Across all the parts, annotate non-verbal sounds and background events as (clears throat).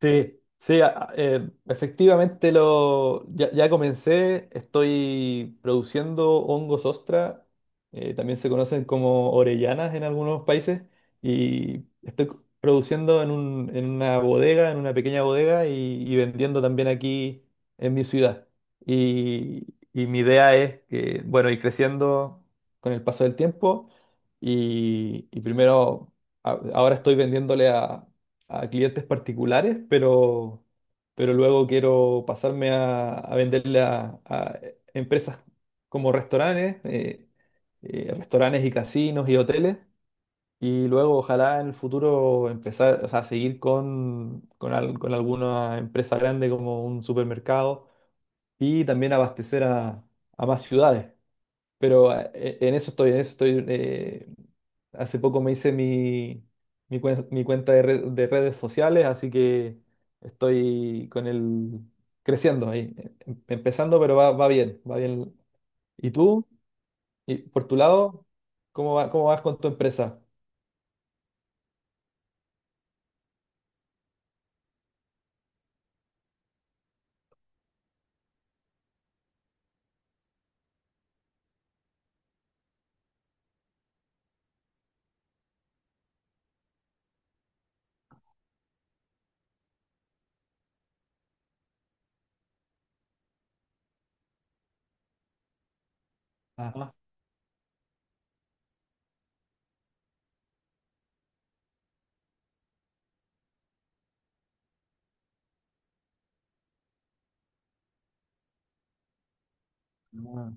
Sí, sí, efectivamente ya comencé, estoy produciendo hongos ostra, también se conocen como orellanas en algunos países, y estoy c- produciendo en una bodega, en una pequeña bodega, y vendiendo también aquí en mi ciudad. Y, y mi idea es que, bueno, ir creciendo con el paso del tiempo, y primero, ahora estoy vendiéndole a clientes particulares, pero luego quiero pasarme a venderle a empresas como restaurantes y casinos y hoteles. Y luego ojalá en el futuro empezar, o sea, seguir con alguna empresa grande como un supermercado y también abastecer a más ciudades. Pero en eso estoy, en eso estoy. Hace poco me hice mi cuenta de redes sociales, así que estoy con el creciendo ahí. Empezando, pero va bien, va bien. ¿Y tú? ¿Y por tu lado? ¿Cómo vas con tu empresa? Ah, ah,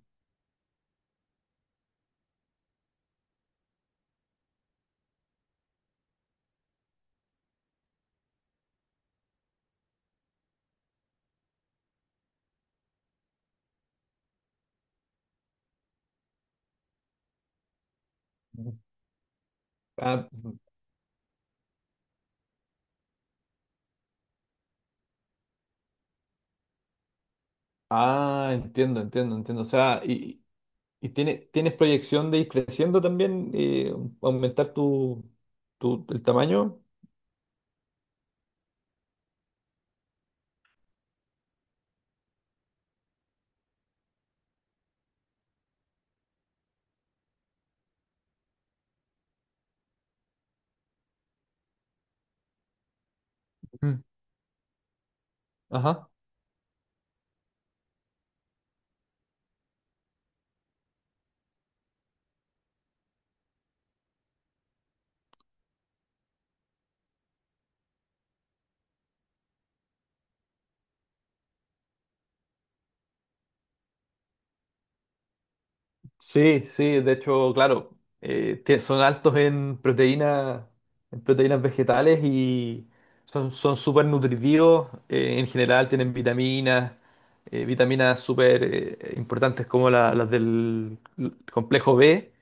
ah, ah, entiendo, entiendo, entiendo. O sea, tienes proyección de ir creciendo también, aumentar el tamaño. Ajá. Sí, sí, de hecho, claro, son altos en proteínas vegetales y son súper nutritivos. En general tienen vitaminas, vitaminas súper importantes como las del complejo B.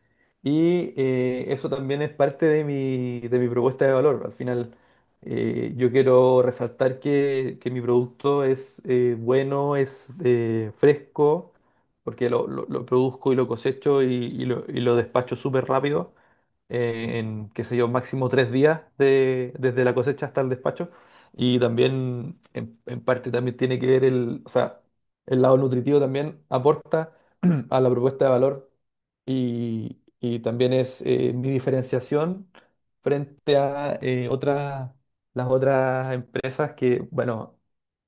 Eso también es parte de de mi propuesta de valor. Al final, yo quiero resaltar que mi producto es, bueno, es, fresco porque lo produzco y lo cosecho y lo despacho súper rápido, qué sé yo, máximo 3 días desde la cosecha hasta el despacho. Y también, en parte, también tiene que ver o sea, el lado nutritivo también aporta (clears throat) a la propuesta de valor y también es, mi diferenciación frente a, las otras empresas que, bueno,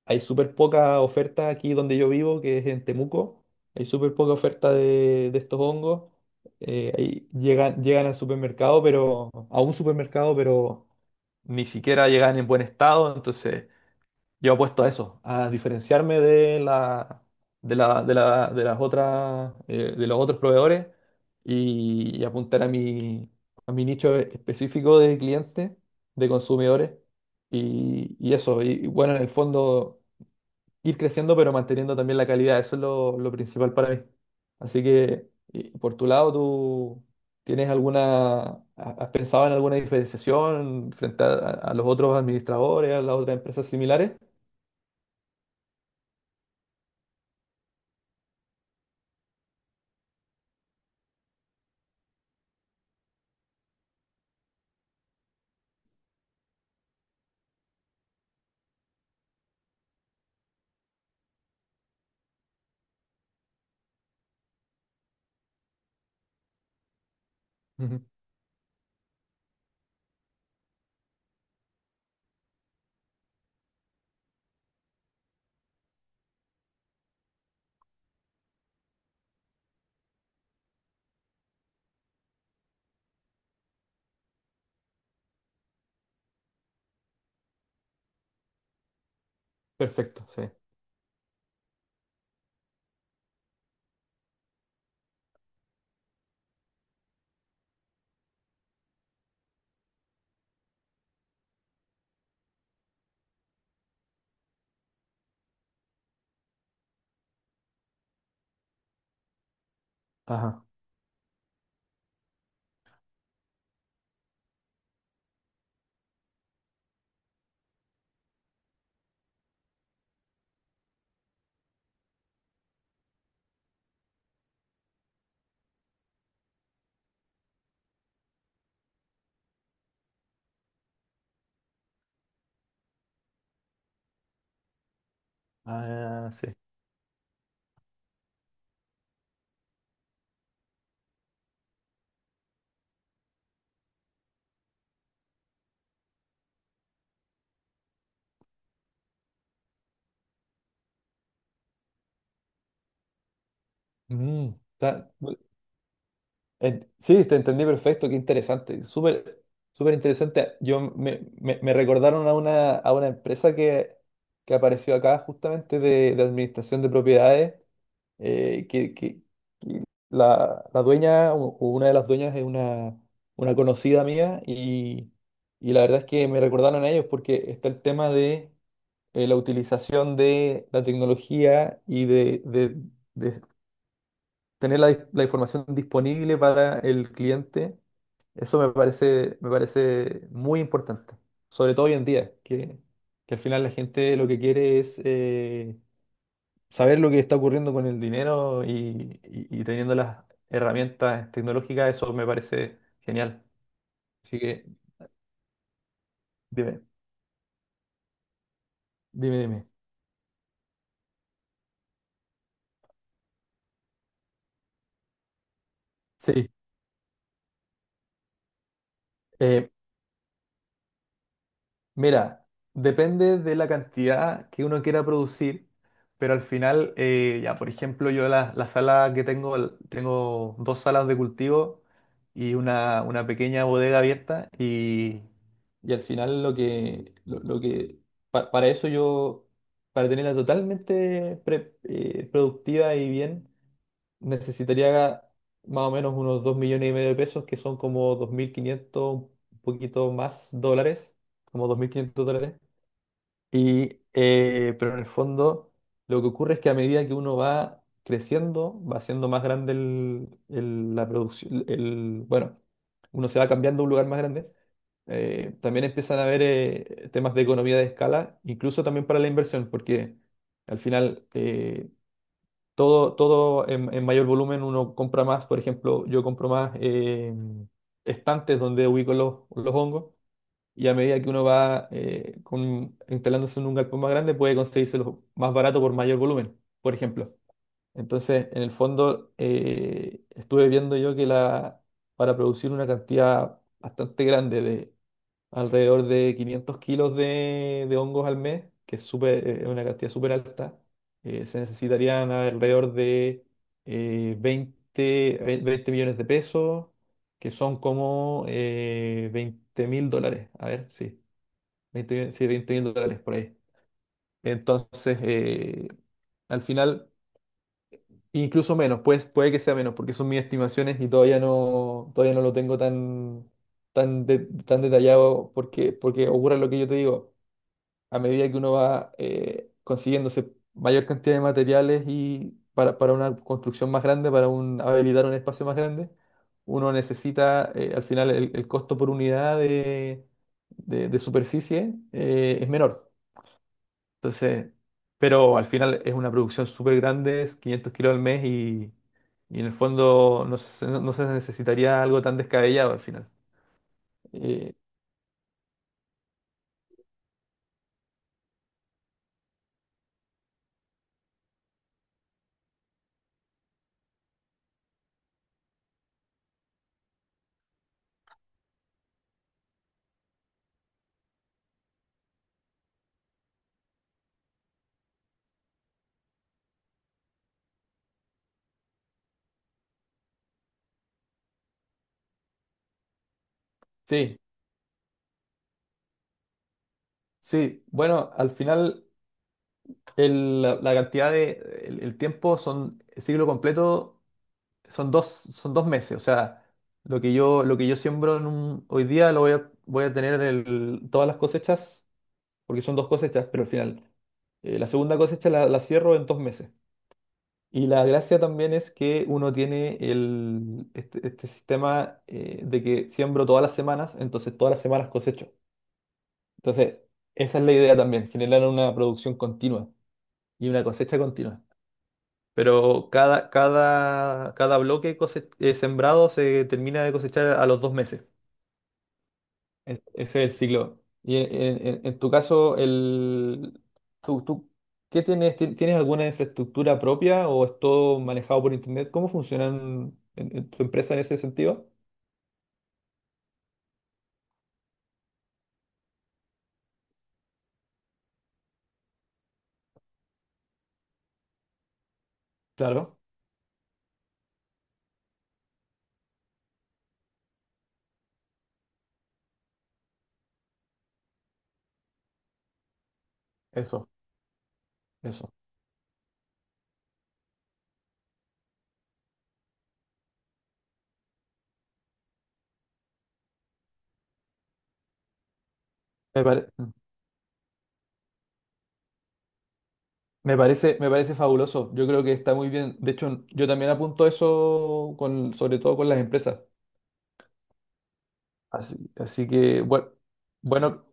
hay súper poca oferta aquí donde yo vivo, que es en Temuco. Hay súper poca oferta de estos hongos. Ahí llegan al supermercado, pero a un supermercado, pero ni siquiera llegan en buen estado. Entonces, yo apuesto a eso, a diferenciarme de los otros proveedores y apuntar a mi nicho específico de clientes, de consumidores. Y eso, y bueno, en el fondo ir creciendo, pero manteniendo también la calidad. Eso es lo principal para mí. Así que, y por tu lado, ¿tú tienes alguna, has pensado en alguna diferenciación frente a los otros administradores, a las otras empresas similares? Ujú. Perfecto, sí. Ajá. Ah, sí. Mm, está- sí, te entendí perfecto, qué interesante, súper, súper interesante. Yo me recordaron a una empresa que apareció acá justamente de administración de propiedades, eh, que, que- que la dueña o una de las dueñas es una conocida mía y la verdad es que me recordaron a ellos porque está el tema de, la utilización de la tecnología y de tener la información disponible para el cliente. Eso me parece muy importante, sobre todo hoy en día, que al final la gente lo que quiere es, saber lo que está ocurriendo con el dinero y teniendo las herramientas tecnológicas, eso me parece genial. Así que dime, dime, dime. Sí, eh, mira, depende de la cantidad que uno quiera producir, pero al final, ya por ejemplo, yo la, la sala que tengo, l- tengo 2 salas de cultivo y una pequeña bodega abierta, y al final lo que pa- para eso para tenerla totalmente productiva y bien necesitaría más o menos unos 2.500.000 pesos, que son como 2.500 un poquito más dólares, como US$2.500. Pero en el fondo, lo que ocurre es que a medida que uno va creciendo, va siendo más grande la producción, bueno, uno se va cambiando a un lugar más grande. También empiezan a haber, temas de economía de escala, incluso también para la inversión, porque al final, todo en mayor volumen uno compra más, por ejemplo, yo compro más, estantes donde ubico los hongos y a medida que uno va, instalándose en un galpón más grande puede conseguírselos más barato por mayor volumen, por ejemplo. Entonces, en el fondo, estuve viendo yo para producir una cantidad bastante grande, alrededor de 500 kilos de hongos al mes, que es súper, una cantidad súper alta. Se necesitarían alrededor de, eh, 20, 20 millones de pesos, que son como, 20 mil dólares. A ver, sí, sí, 20 mil dólares por ahí. Entonces, al final, incluso menos, pues puede que sea menos, porque son mis estimaciones y todavía no lo tengo tan, tan, de- tan detallado porque ocurre lo que yo te digo a medida que uno va, consiguiéndose mayor cantidad de materiales y para una construcción más grande, habilitar un espacio más grande, uno necesita, al final el costo por unidad de superficie, es menor. Entonces, pero al final es una producción súper grande, es 500 kilos al mes, y en el fondo no se necesitaría algo tan descabellado al final. Eh, sí, sí, bueno, al final, la cantidad de, el tiempo son, el ciclo completo son dos, son 2 meses. O sea, lo que yo siembro hoy día lo voy a tener todas las cosechas, porque son dos cosechas, pero al final. La segunda cosecha la cierro en 2 meses. Y la gracia también es que uno tiene este sistema, de que siembro todas las semanas, entonces todas las semanas cosecho. Entonces, esa es la idea también, generar una producción continua y una cosecha continua. Pero cada bloque sembrado se termina de cosechar a los 2 meses. Ese es el ciclo. Y en tu caso, tú, tú, ¿qué tienes? ¿Tienes alguna infraestructura propia o es todo manejado por internet? ¿Cómo funcionan en tu empresa en ese sentido? Claro, eso, eso. Me pare- Me parece fabuloso. Yo creo que está muy bien. De hecho, yo también apunto eso sobre todo con las empresas. Así que, bueno, bueno.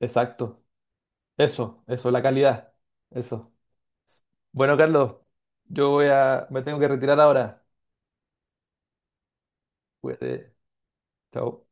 Exacto. Eso, la calidad. Eso. Bueno, Carlos, me tengo que retirar ahora. Cuídate. Chao.